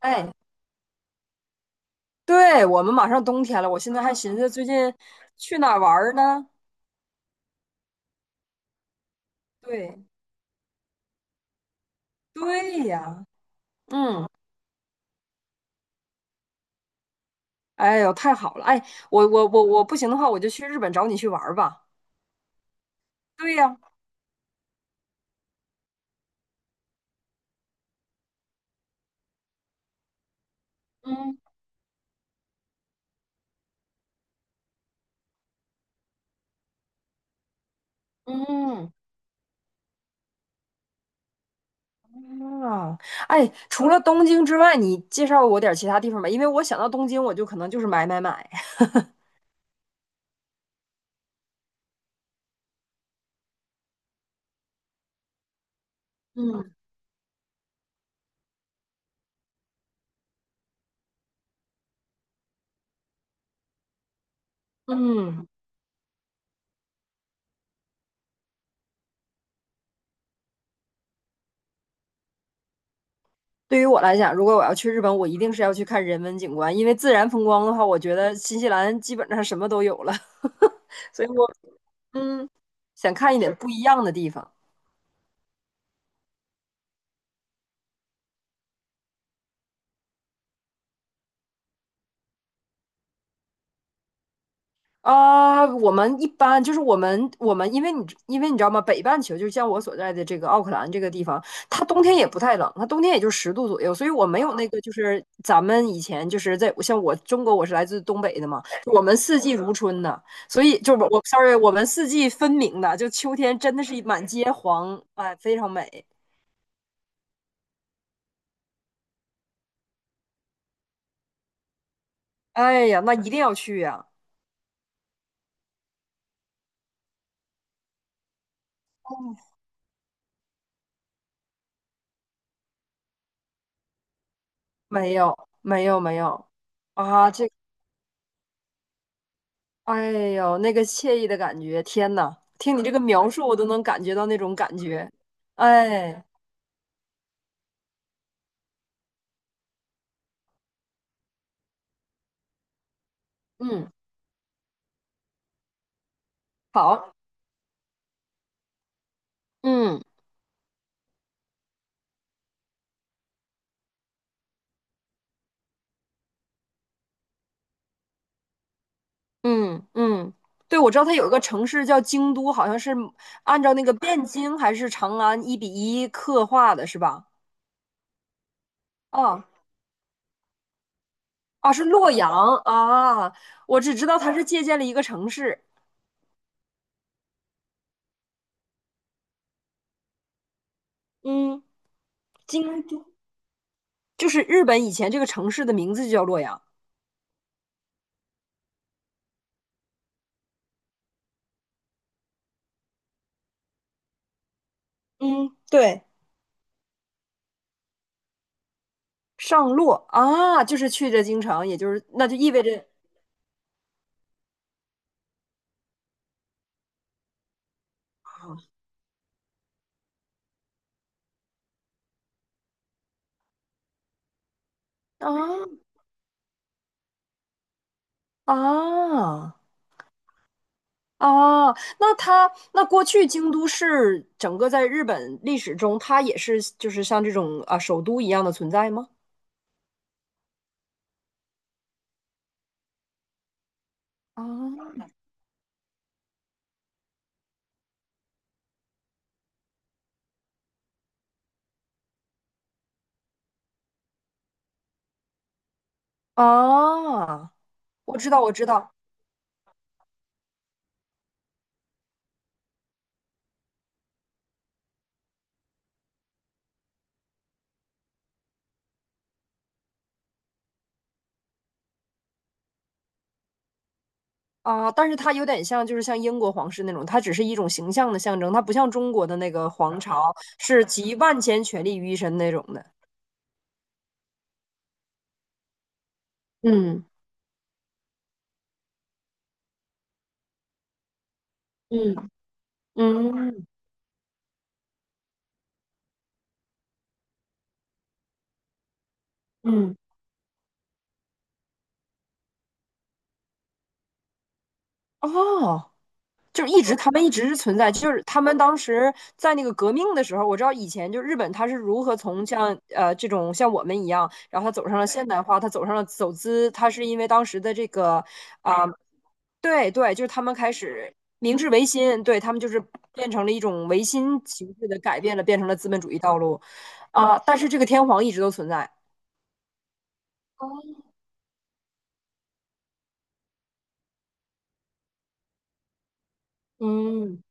哎，对，我们马上冬天了，我现在还寻思最近去哪儿玩儿呢？对，对呀，嗯，哎呦，太好了，哎，我不行的话，我就去日本找你去玩儿吧。对呀，嗯嗯啊，哎，除了东京之外，你介绍我点儿其他地方吧，因为我想到东京，我就可能就是买买买。嗯嗯，对于我来讲，如果我要去日本，我一定是要去看人文景观，因为自然风光的话，我觉得新西兰基本上什么都有了。所以我嗯，想看一点不一样的地方啊。我们一般就是我们，因为你知道吗？北半球就像我所在的这个奥克兰这个地方，它冬天也不太冷，它冬天也就10度左右，所以我没有那个就是咱们以前就是在像我中国，我是来自东北的嘛，我们四季如春的，所以就是我 sorry，我们四季分明的，就秋天真的是满街黄，哎，非常美。哎呀，那一定要去呀！没有没有没有啊，哎呦，那个惬意的感觉，天呐，听你这个描述，我都能感觉到那种感觉。哎，嗯，好，嗯嗯嗯，对，我知道它有一个城市叫京都，好像是按照那个汴京还是长安1:1刻画的，是吧？啊啊，是洛阳啊，我只知道它是借鉴了一个城市，嗯，京都，就是日本以前这个城市的名字就叫洛阳。嗯，对。上洛啊，就是去这京城，也就是那就意味着啊啊啊，那它那过去京都市整个在日本历史中，它也是就是像这种啊首都一样的存在吗？啊啊，我知道啊，但是它有点像就是像英国皇室那种，它只是一种形象的象征，它不像中国的那个皇朝是集万千权力于一身那种的。嗯嗯嗯嗯，哦就是他们一直是存在，就是他们当时在那个革命的时候，我知道以前就日本他是如何从像这种像我们一样，然后他走上了现代化，他走上了走资，他是因为当时的这个啊、对对，就是他们开始明治维新，对他们就是变成了一种维新形式的改变了，变成了资本主义道路啊、但是这个天皇一直都存在，嗯。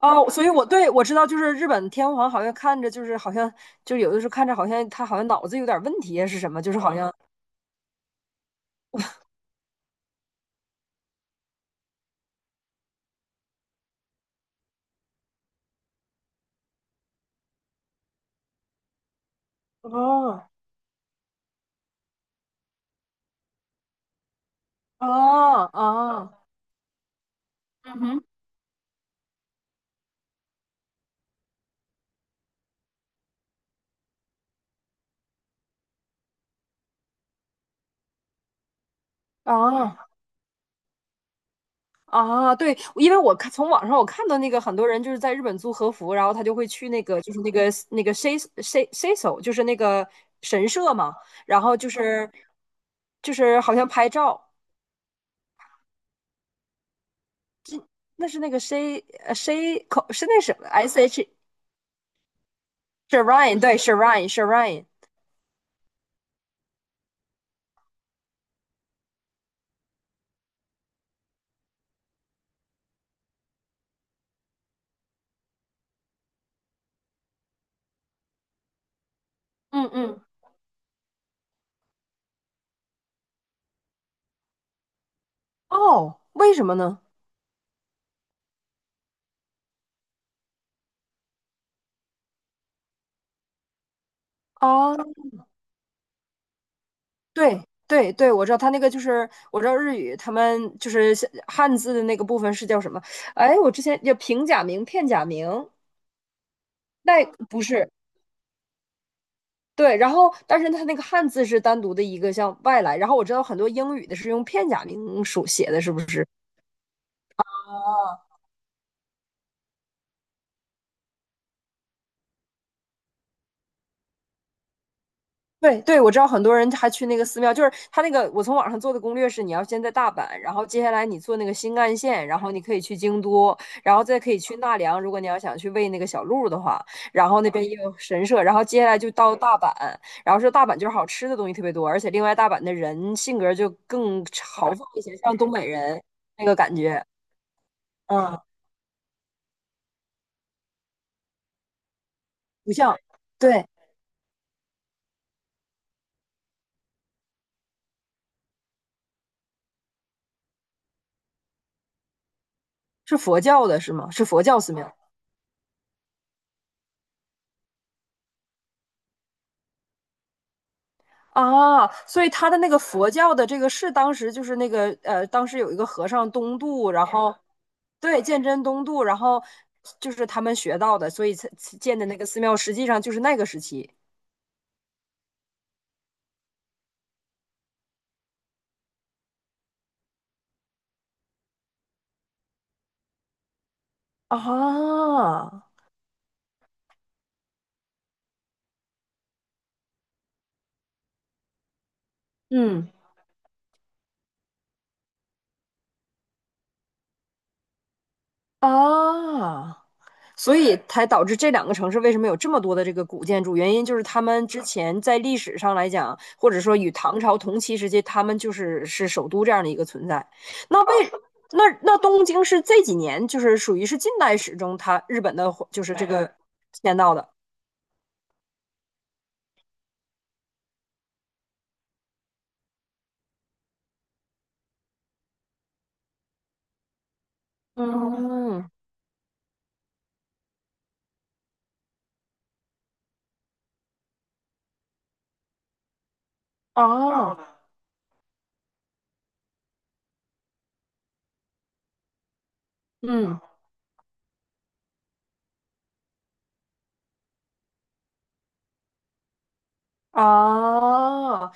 哦，所以我对我知道，就是日本天皇好像看着就是好像就有的时候看着好像他好像脑子有点问题啊是什么，就是好像哦哦哦嗯哼，哦哦，对，因为我看从网上我看到那个很多人就是在日本租和服，然后他就会去那个就是那个那个 sei s s e s o 就是那个神社嘛，然后就是就是好像拍照，那是那个 sei s e 口是那什么 s h shrine 对 shrine shrine。嗯嗯，哦，为什么呢？啊，对对对，我知道他那个就是，我知道日语他们就是像汉字的那个部分是叫什么？哎，我之前叫平假名、片假名，那不是对。然后，但是他那个汉字是单独的一个像外来。然后我知道很多英语的是用片假名书写的，是不是？对对，我知道很多人还去那个寺庙，就是他那个我从网上做的攻略是，你要先在大阪，然后接下来你坐那个新干线，然后你可以去京都，然后再可以去奈良，如果你要想去喂那个小鹿的话，然后那边也有神社，然后接下来就到大阪，然后说大阪就是好吃的东西特别多，而且另外大阪的人性格就更豪放一些，像东北人那个感觉，嗯，不像，对，是佛教的是吗？是佛教寺庙，啊，所以他的那个佛教的这个是当时就是那个，当时有一个和尚东渡，然后对鉴真东渡，然后就是他们学到的，所以才建的那个寺庙实际上就是那个时期啊，嗯，啊。所以才导致这两个城市为什么有这么多的这个古建筑？原因就是他们之前在历史上来讲，或者说与唐朝同期时期，他们就是是首都这样的一个存在。那为那那东京是这几年就是属于是近代史中它日本的就是这个迁到的。嗯，哦，嗯，啊。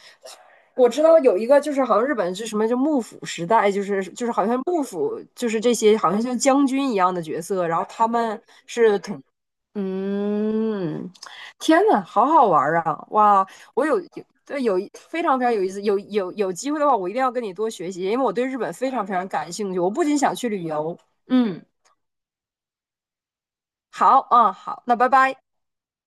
我知道有一个就是好像日本是什么就幕府时代，就是好像幕府就是这些好像像将军一样的角色，然后他们是统，嗯，天呐，好好玩儿啊！哇，我对非常非常有意思，有机会的话，我一定要跟你多学习，因为我对日本非常非常感兴趣，我不仅想去旅游，嗯，好，嗯，好，那拜拜。